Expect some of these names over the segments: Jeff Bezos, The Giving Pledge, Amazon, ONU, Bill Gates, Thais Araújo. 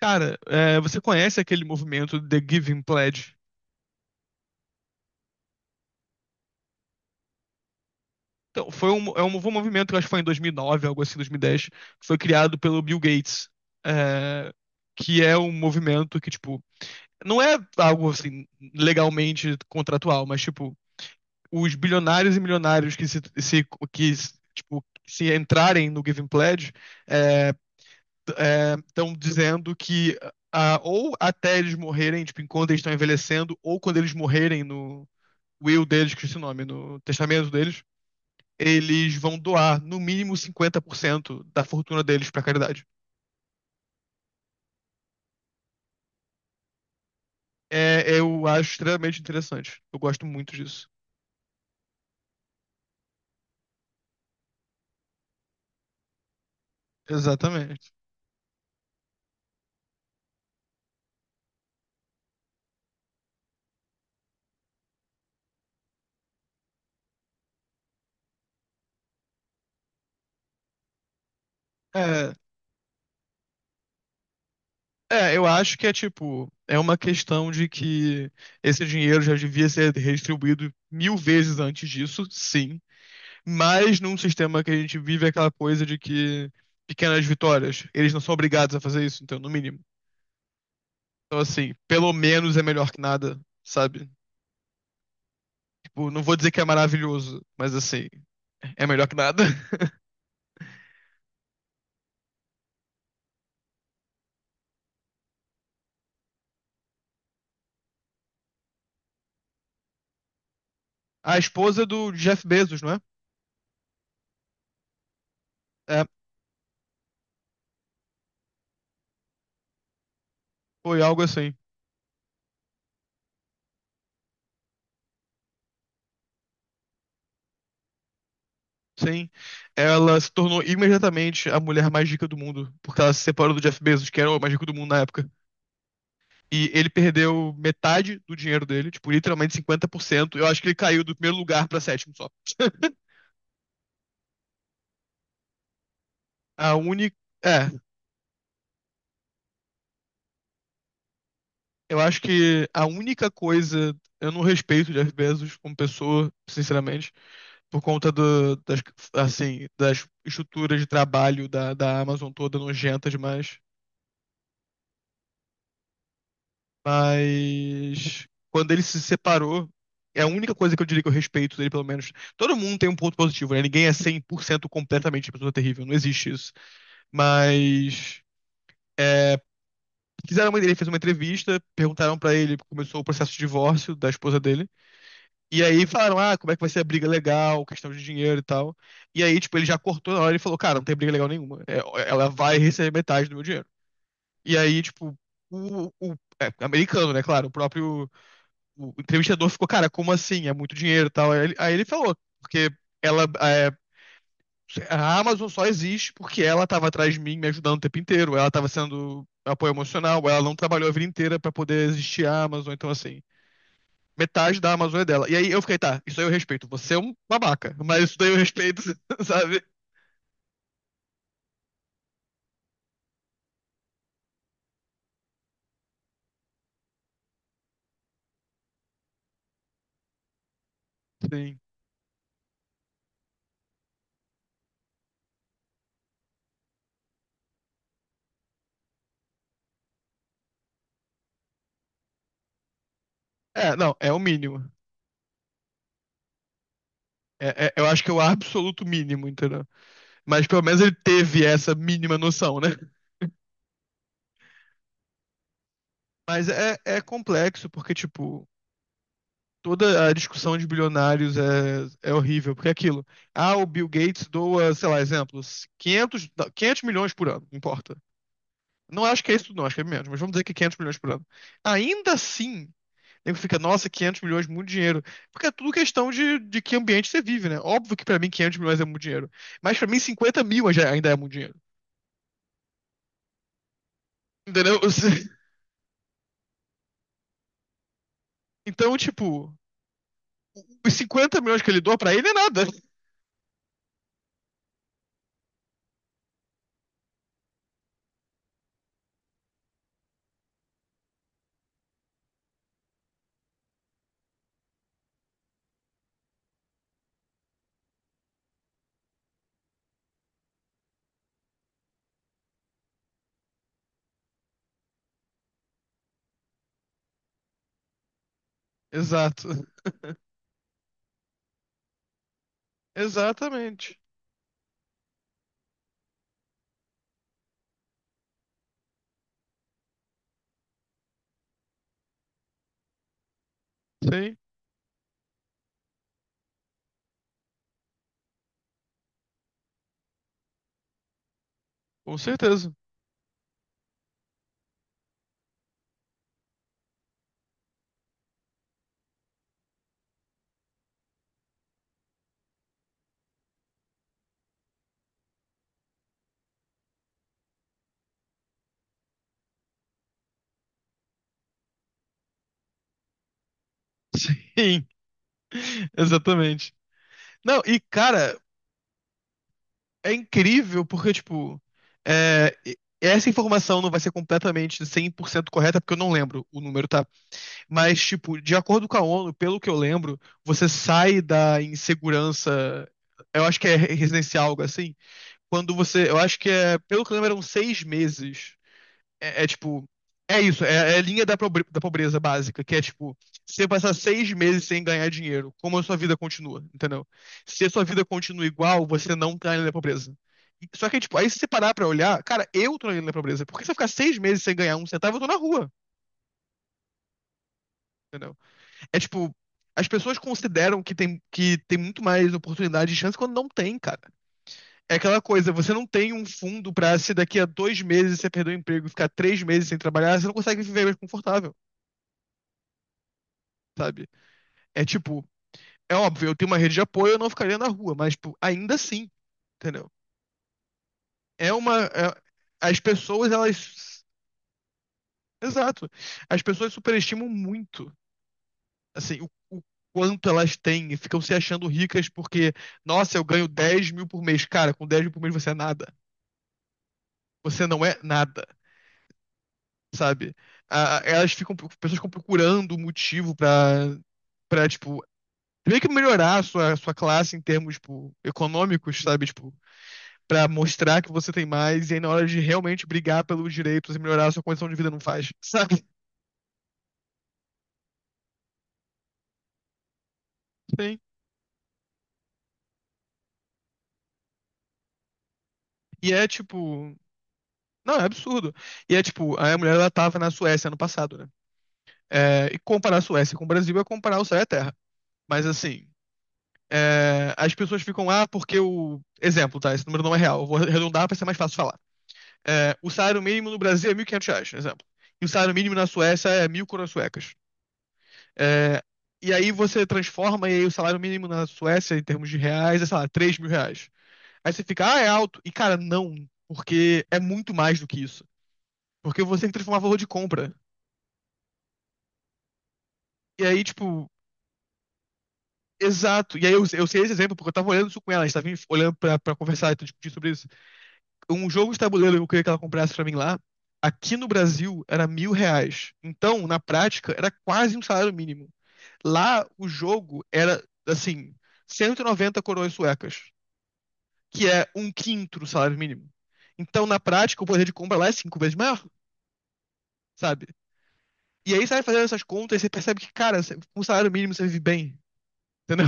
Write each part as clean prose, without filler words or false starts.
Cara, você conhece aquele movimento The Giving Pledge? Então, foi um movimento que eu acho que foi em 2009, algo assim, 2010, que foi criado pelo Bill Gates. é, que é um movimento que, tipo, não é algo, assim, legalmente contratual, mas, tipo, os bilionários e milionários que, tipo, se entrarem no Giving Pledge estão dizendo que ou até eles morrerem, tipo, enquanto eles estão envelhecendo, ou quando eles morrerem no will deles, que esse nome, no testamento deles, eles vão doar no mínimo 50% da fortuna deles pra caridade. É, eu acho extremamente interessante. Eu gosto muito disso. Exatamente. É, eu acho que é tipo, é uma questão de que esse dinheiro já devia ser redistribuído mil vezes antes disso, sim. Mas num sistema que a gente vive é aquela coisa de que pequenas vitórias, eles não são obrigados a fazer isso, então, no mínimo. Então, assim, pelo menos é melhor que nada, sabe? Tipo, não vou dizer que é maravilhoso, mas assim, é melhor que nada. A esposa do Jeff Bezos, não é? É, foi algo assim. Sim. Ela se tornou imediatamente a mulher mais rica do mundo, porque ela se separou do Jeff Bezos, que era o mais rico do mundo na época. E ele perdeu metade do dinheiro dele, tipo, literalmente 50%. Eu acho que ele caiu do primeiro lugar pra sétimo só. A única. É, Eu acho que a única coisa. Eu não respeito o Jeff Bezos como pessoa, sinceramente, por conta assim, das estruturas de trabalho da Amazon toda nojenta demais. Mas quando ele se separou, é a única coisa que eu diria que eu respeito dele, pelo menos. Todo mundo tem um ponto positivo, né? Ninguém é 100% completamente pessoa terrível, não existe isso. Mas ele fez uma entrevista, perguntaram pra ele, começou o processo de divórcio da esposa dele. E aí falaram, ah, como é que vai ser a briga legal, questão de dinheiro e tal. E aí, tipo, ele já cortou na hora e falou, cara, não tem briga legal nenhuma. Ela vai receber metade do meu dinheiro. E aí, tipo, o, o americano, né, claro, o entrevistador ficou, cara, como assim? É muito dinheiro e tal. Aí ele falou, porque ela, a Amazon só existe porque ela tava atrás de mim, me ajudando o tempo inteiro. Ela tava sendo apoio emocional, ela não trabalhou a vida inteira pra poder existir a Amazon, então assim metade da Amazônia dela. E aí eu fiquei, tá, isso aí eu respeito. Você é um babaca, mas isso daí eu respeito, sabe? Sim. É, não, é o mínimo. Eu acho que é o absoluto mínimo, entendeu? Mas pelo menos ele teve essa mínima noção, né? Mas é complexo, porque, tipo, toda a discussão de bilionários é horrível, porque é aquilo. Ah, o Bill Gates doa, sei lá, exemplos, 500 milhões por ano, não importa. Não acho que é isso, não, acho que é menos, mas vamos dizer que 500 milhões por ano. Ainda assim, Nego fica, nossa, 500 milhões, muito dinheiro. Porque é tudo questão de que ambiente você vive, né? Óbvio que pra mim 500 milhões é muito dinheiro. Mas pra mim 50 mil ainda é muito dinheiro. Entendeu? Então, tipo, os 50 milhões que ele doa pra ele é nada. Exato. Exatamente. Sim, com certeza. Sim, exatamente. Não, e cara, é incrível porque, tipo, essa informação não vai ser completamente 100% correta porque eu não lembro. O número tá. Mas, tipo, de acordo com a ONU, pelo que eu lembro, você sai da insegurança. Eu acho que é residencial, algo assim. Quando você. Eu acho que é. Pelo que eu lembro, eram 6 meses. É, é, tipo. É isso, é a linha da pobreza básica, que é tipo, se você passar 6 meses sem ganhar dinheiro, como a sua vida continua, entendeu? Se a sua vida continua igual, você não tá na linha da pobreza. Só que, tipo, aí se você parar pra olhar, cara, eu tô na linha da pobreza. Por que se eu ficar 6 meses sem ganhar um centavo, eu tô na rua, entendeu? É tipo, as pessoas consideram que tem muito mais oportunidade e chance quando não tem, cara. É aquela coisa, você não tem um fundo pra se daqui a 2 meses você perder o emprego e ficar 3 meses sem trabalhar, você não consegue viver mais confortável, sabe? É tipo, é óbvio, eu tenho uma rede de apoio, eu não ficaria na rua, mas tipo, ainda assim, entendeu? É uma. É- as pessoas, elas. Exato. As pessoas superestimam muito assim, o quanto elas têm e ficam se achando ricas porque, nossa, eu ganho 10 mil por mês. Cara, com 10 mil por mês você é nada. Você não é nada, sabe? Ah, elas ficam, pessoas ficam procurando um motivo pra, tipo, meio que melhorar a sua classe em termos, tipo, econômicos, sabe? Tipo, pra mostrar que você tem mais e aí na hora de realmente brigar pelos direitos e melhorar a sua condição de vida não faz, sabe? Sim. E é, tipo... Não, é absurdo. E é tipo, a mulher ela tava na Suécia ano passado, né? É, e comparar a Suécia com o Brasil é comparar o céu e a terra. Mas assim, as pessoas ficam lá porque o. Exemplo, tá? Esse número não é real. Eu vou arredondar para ser mais fácil de falar. O salário mínimo no Brasil é 1.500 reais, exemplo. E o salário mínimo na Suécia é 1.000 coroas suecas. É, e aí você transforma e aí o salário mínimo na Suécia, em termos de reais, sei lá, 3 mil reais. Aí você fica, ah, é alto. E cara, não, porque é muito mais do que isso. Porque você tem que transformar valor de compra. E aí, tipo, exato. E aí eu sei esse exemplo porque eu tava olhando isso com ela, a gente tava olhando pra, conversar e discutir sobre isso. Um jogo de tabuleiro que eu queria que ela comprasse pra mim lá, aqui no Brasil era 1.000 reais. Então, na prática, era quase um salário mínimo. Lá, o jogo era, assim, 190 coroas suecas, que é um quinto do salário mínimo. Então, na prática, o poder de compra lá é cinco vezes maior, sabe? E aí, sai fazendo essas contas e você percebe que, cara, com o salário mínimo você vive bem, entendeu?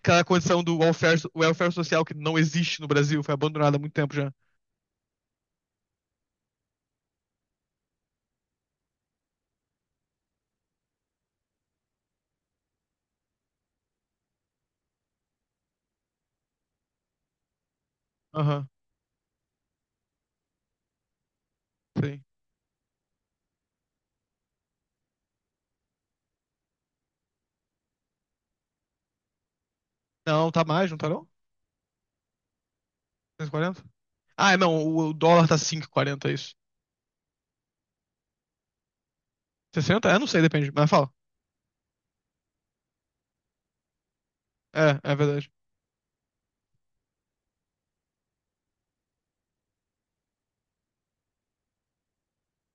Aquela condição do welfare, welfare social que não existe no Brasil, foi abandonada há muito tempo já. Aham, sim. Não, tá mais, não tá não? Cento e quarenta. Ah, não, o dólar tá 5,40, é isso. Sessenta. É, não sei, depende, mas fala. É, é verdade.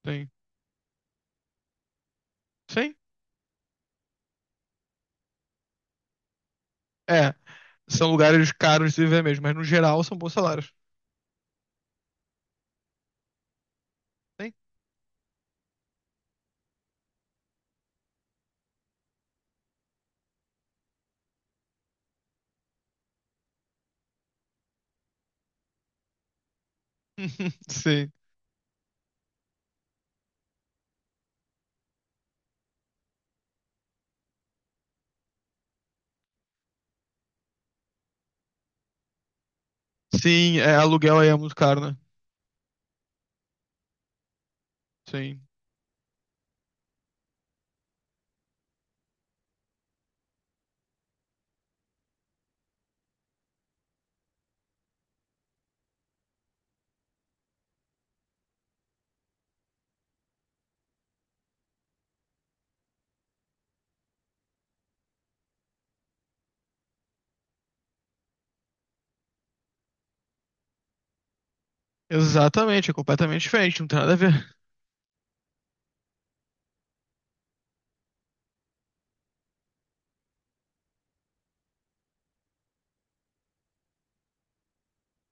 Sim. Sim? É, são lugares caros de se viver mesmo, mas no geral são bons salários. Sim. Sim. Sim, aluguel aí é muito caro, né? Sim. Exatamente, é completamente diferente, não tem nada a ver.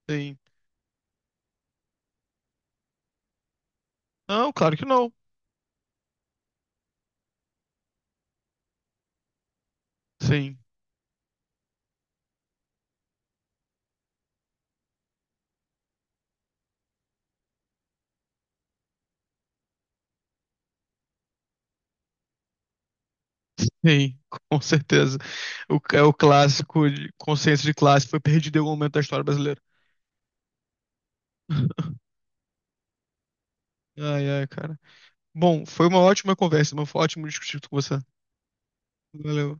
Sim. Não, claro que não. Sim. Sim, com certeza. É o clássico, consciência de classe foi perdido em algum momento da história brasileira. Ai, ai, cara. Bom, foi uma ótima conversa, irmão. Foi ótimo discutir com você. Valeu.